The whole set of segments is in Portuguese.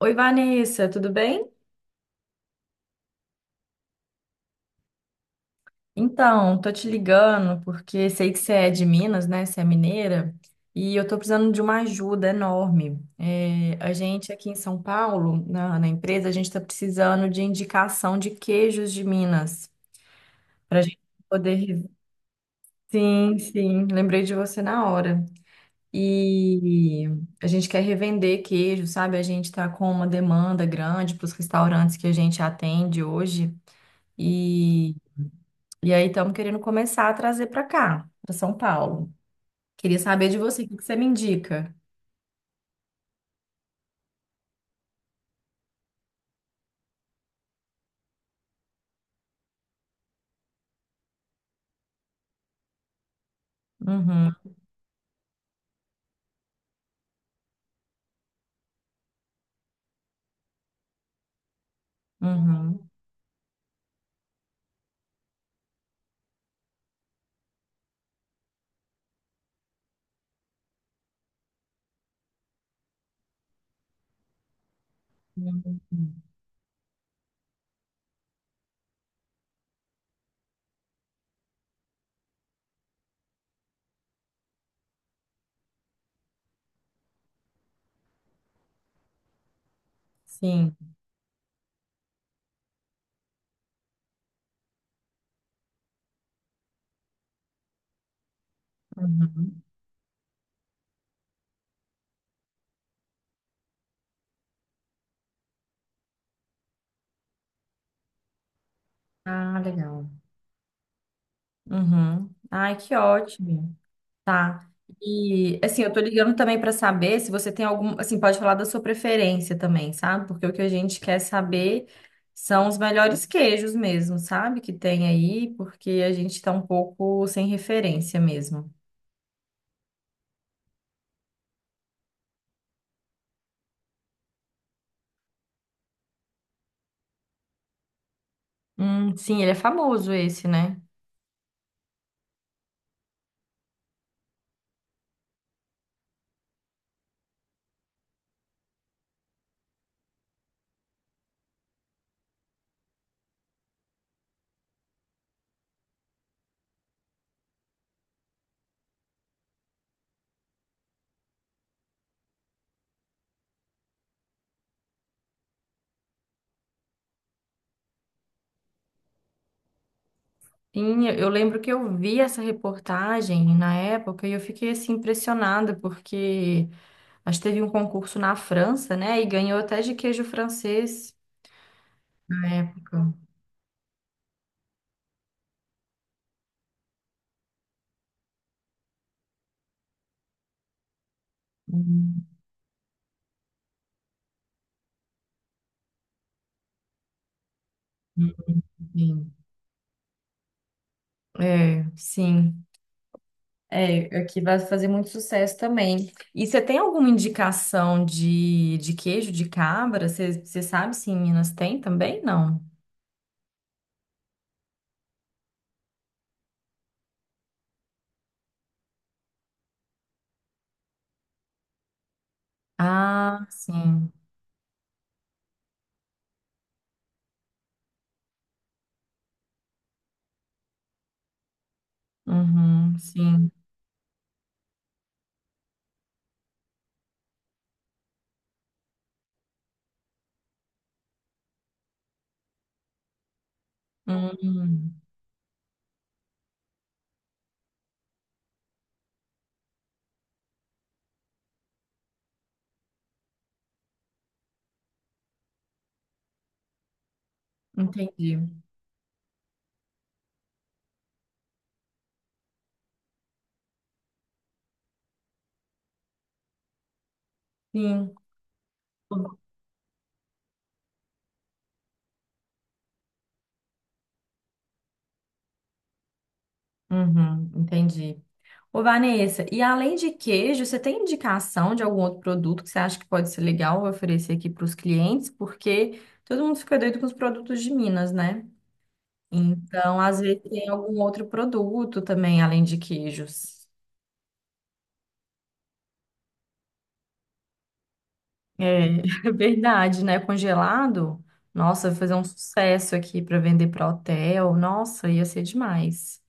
Oi, Vanessa, tudo bem? Então, tô te ligando porque sei que você é de Minas, né? Você é mineira, e eu tô precisando de uma ajuda enorme. A gente aqui em São Paulo, na empresa, a gente tá precisando de indicação de queijos de Minas pra gente poder. Sim, sim, lembrei de você na hora. E a gente quer revender queijo, sabe? A gente tá com uma demanda grande para os restaurantes que a gente atende hoje. e E aí estamos querendo começar a trazer para cá, para São Paulo. Queria saber de você, o que que você me indica? Uhum, uhum, uhum. Sim. Uhum. Ah, legal. Uhum. Ai, que ótimo. Tá. E assim, eu tô ligando também para saber se você tem algum, assim, pode falar da sua preferência também, sabe? Porque o que a gente quer saber são os melhores queijos mesmo, sabe? Que tem aí, porque a gente tá um pouco sem referência mesmo. Sim, ele é famoso esse, né? Sim, eu lembro que eu vi essa reportagem na época e eu fiquei assim impressionada porque acho que teve um concurso na França, né? E ganhou até de queijo francês na época. Hum. Enfim. É, sim. É, aqui vai fazer muito sucesso também. E você tem alguma indicação de queijo de cabra? Você sabe se em Minas tem também? Não. Ah, sim. Uhum, sim. Uhum, entendi. Sim. Uhum, entendi. Ô, Vanessa, e além de queijo, você tem indicação de algum outro produto que você acha que pode ser legal oferecer aqui para os clientes? Porque todo mundo fica doido com os produtos de Minas, né? Então, às vezes tem algum outro produto também, além de queijos. É, é verdade, né? Congelado, nossa, vai fazer um sucesso aqui para vender para hotel. Nossa, ia ser demais.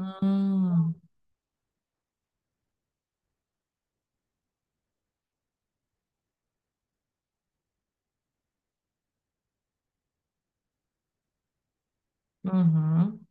Hum, uhum.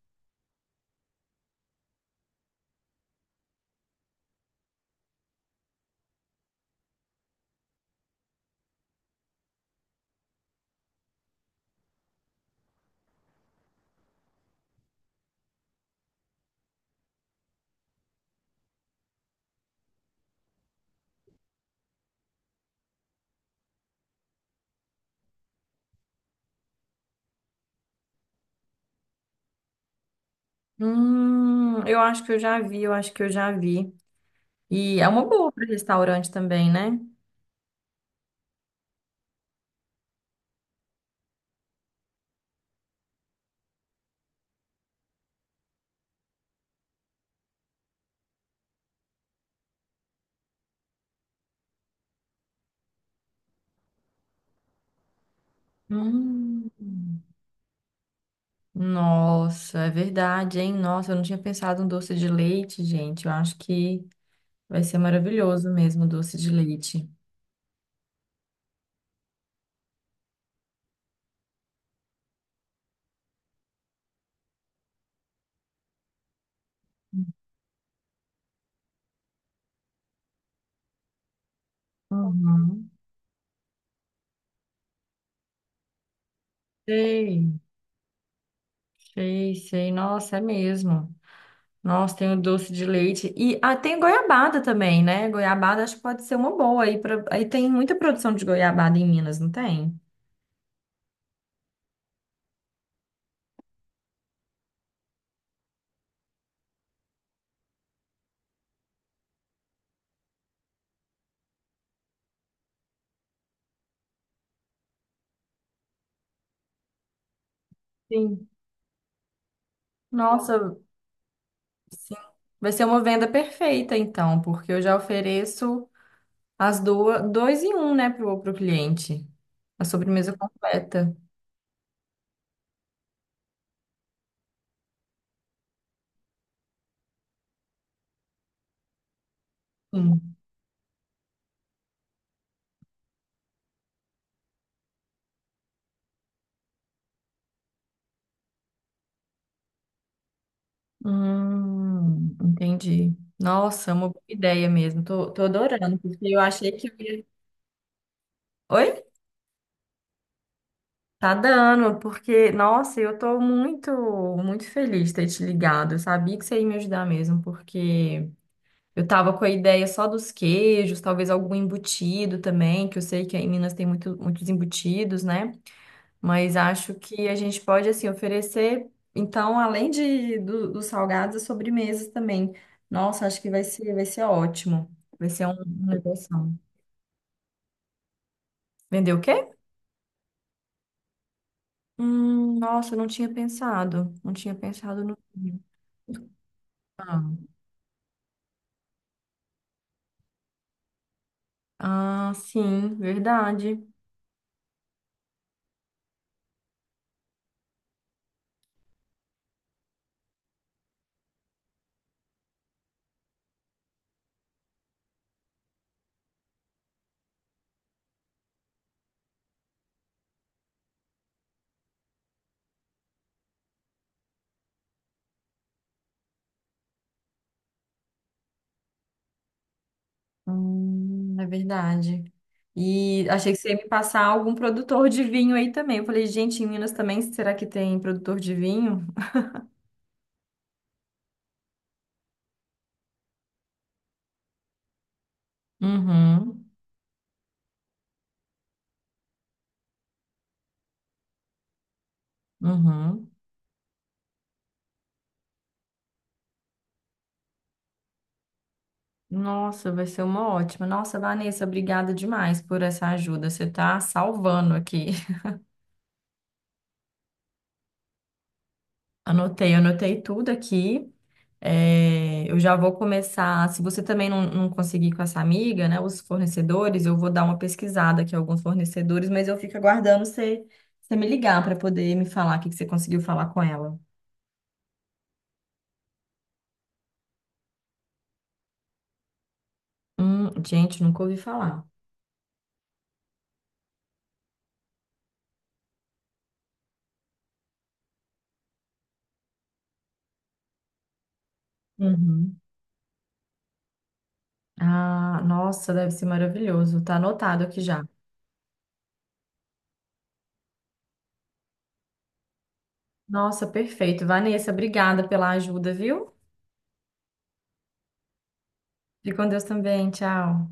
Eu acho que eu já vi. E é uma boa para restaurante também, né? Hum. Nossa, é verdade, hein? Nossa, eu não tinha pensado em doce de leite, gente. Eu acho que vai ser maravilhoso mesmo o doce de leite. Uhum. Sei, sei, sei. Nossa, é mesmo. Nossa, tem o doce de leite. E ah, tem goiabada também, né? Goiabada acho que pode ser uma boa. Aí, pra... aí tem muita produção de goiabada em Minas, não tem? Sim. Nossa. Sim. Vai ser uma venda perfeita, então, porque eu já ofereço as duas, dois em um, né, pro cliente. A sobremesa completa. Sim. Entendi. Nossa, é uma boa ideia mesmo. Tô adorando, porque eu achei que eu ia... Oi? Tá dando, porque, nossa, muito feliz de ter te ligado. Eu sabia que você ia me ajudar mesmo, porque eu tava com a ideia só dos queijos, talvez algum embutido também, que eu sei que aí em Minas tem muito, muitos embutidos, né? Mas acho que a gente pode, assim, oferecer, então, além de, dos salgados, as sobremesas também. Nossa, acho que vai ser ótimo. Vai ser uma negociação. Vender o quê? Nossa, eu não tinha pensado. Não tinha pensado no vinho. Ah, ah, sim, verdade. É verdade. E achei que você ia me passar algum produtor de vinho aí também. Eu falei, gente, em Minas também, será que tem produtor de vinho? Uhum, uhum. Nossa, vai ser uma ótima. Nossa, Vanessa, obrigada demais por essa ajuda. Você tá salvando aqui. Anotei, anotei tudo aqui. É, eu já vou começar. Se você também não conseguir com essa amiga, né, os fornecedores, eu vou dar uma pesquisada aqui, alguns fornecedores, mas eu fico aguardando você, você me ligar para poder me falar o que que você conseguiu falar com ela. Gente, nunca ouvi falar. Uhum. Ah, nossa, deve ser maravilhoso. Tá anotado aqui já. Nossa, perfeito. Vanessa, obrigada pela ajuda, viu? Fique com Deus também. Tchau.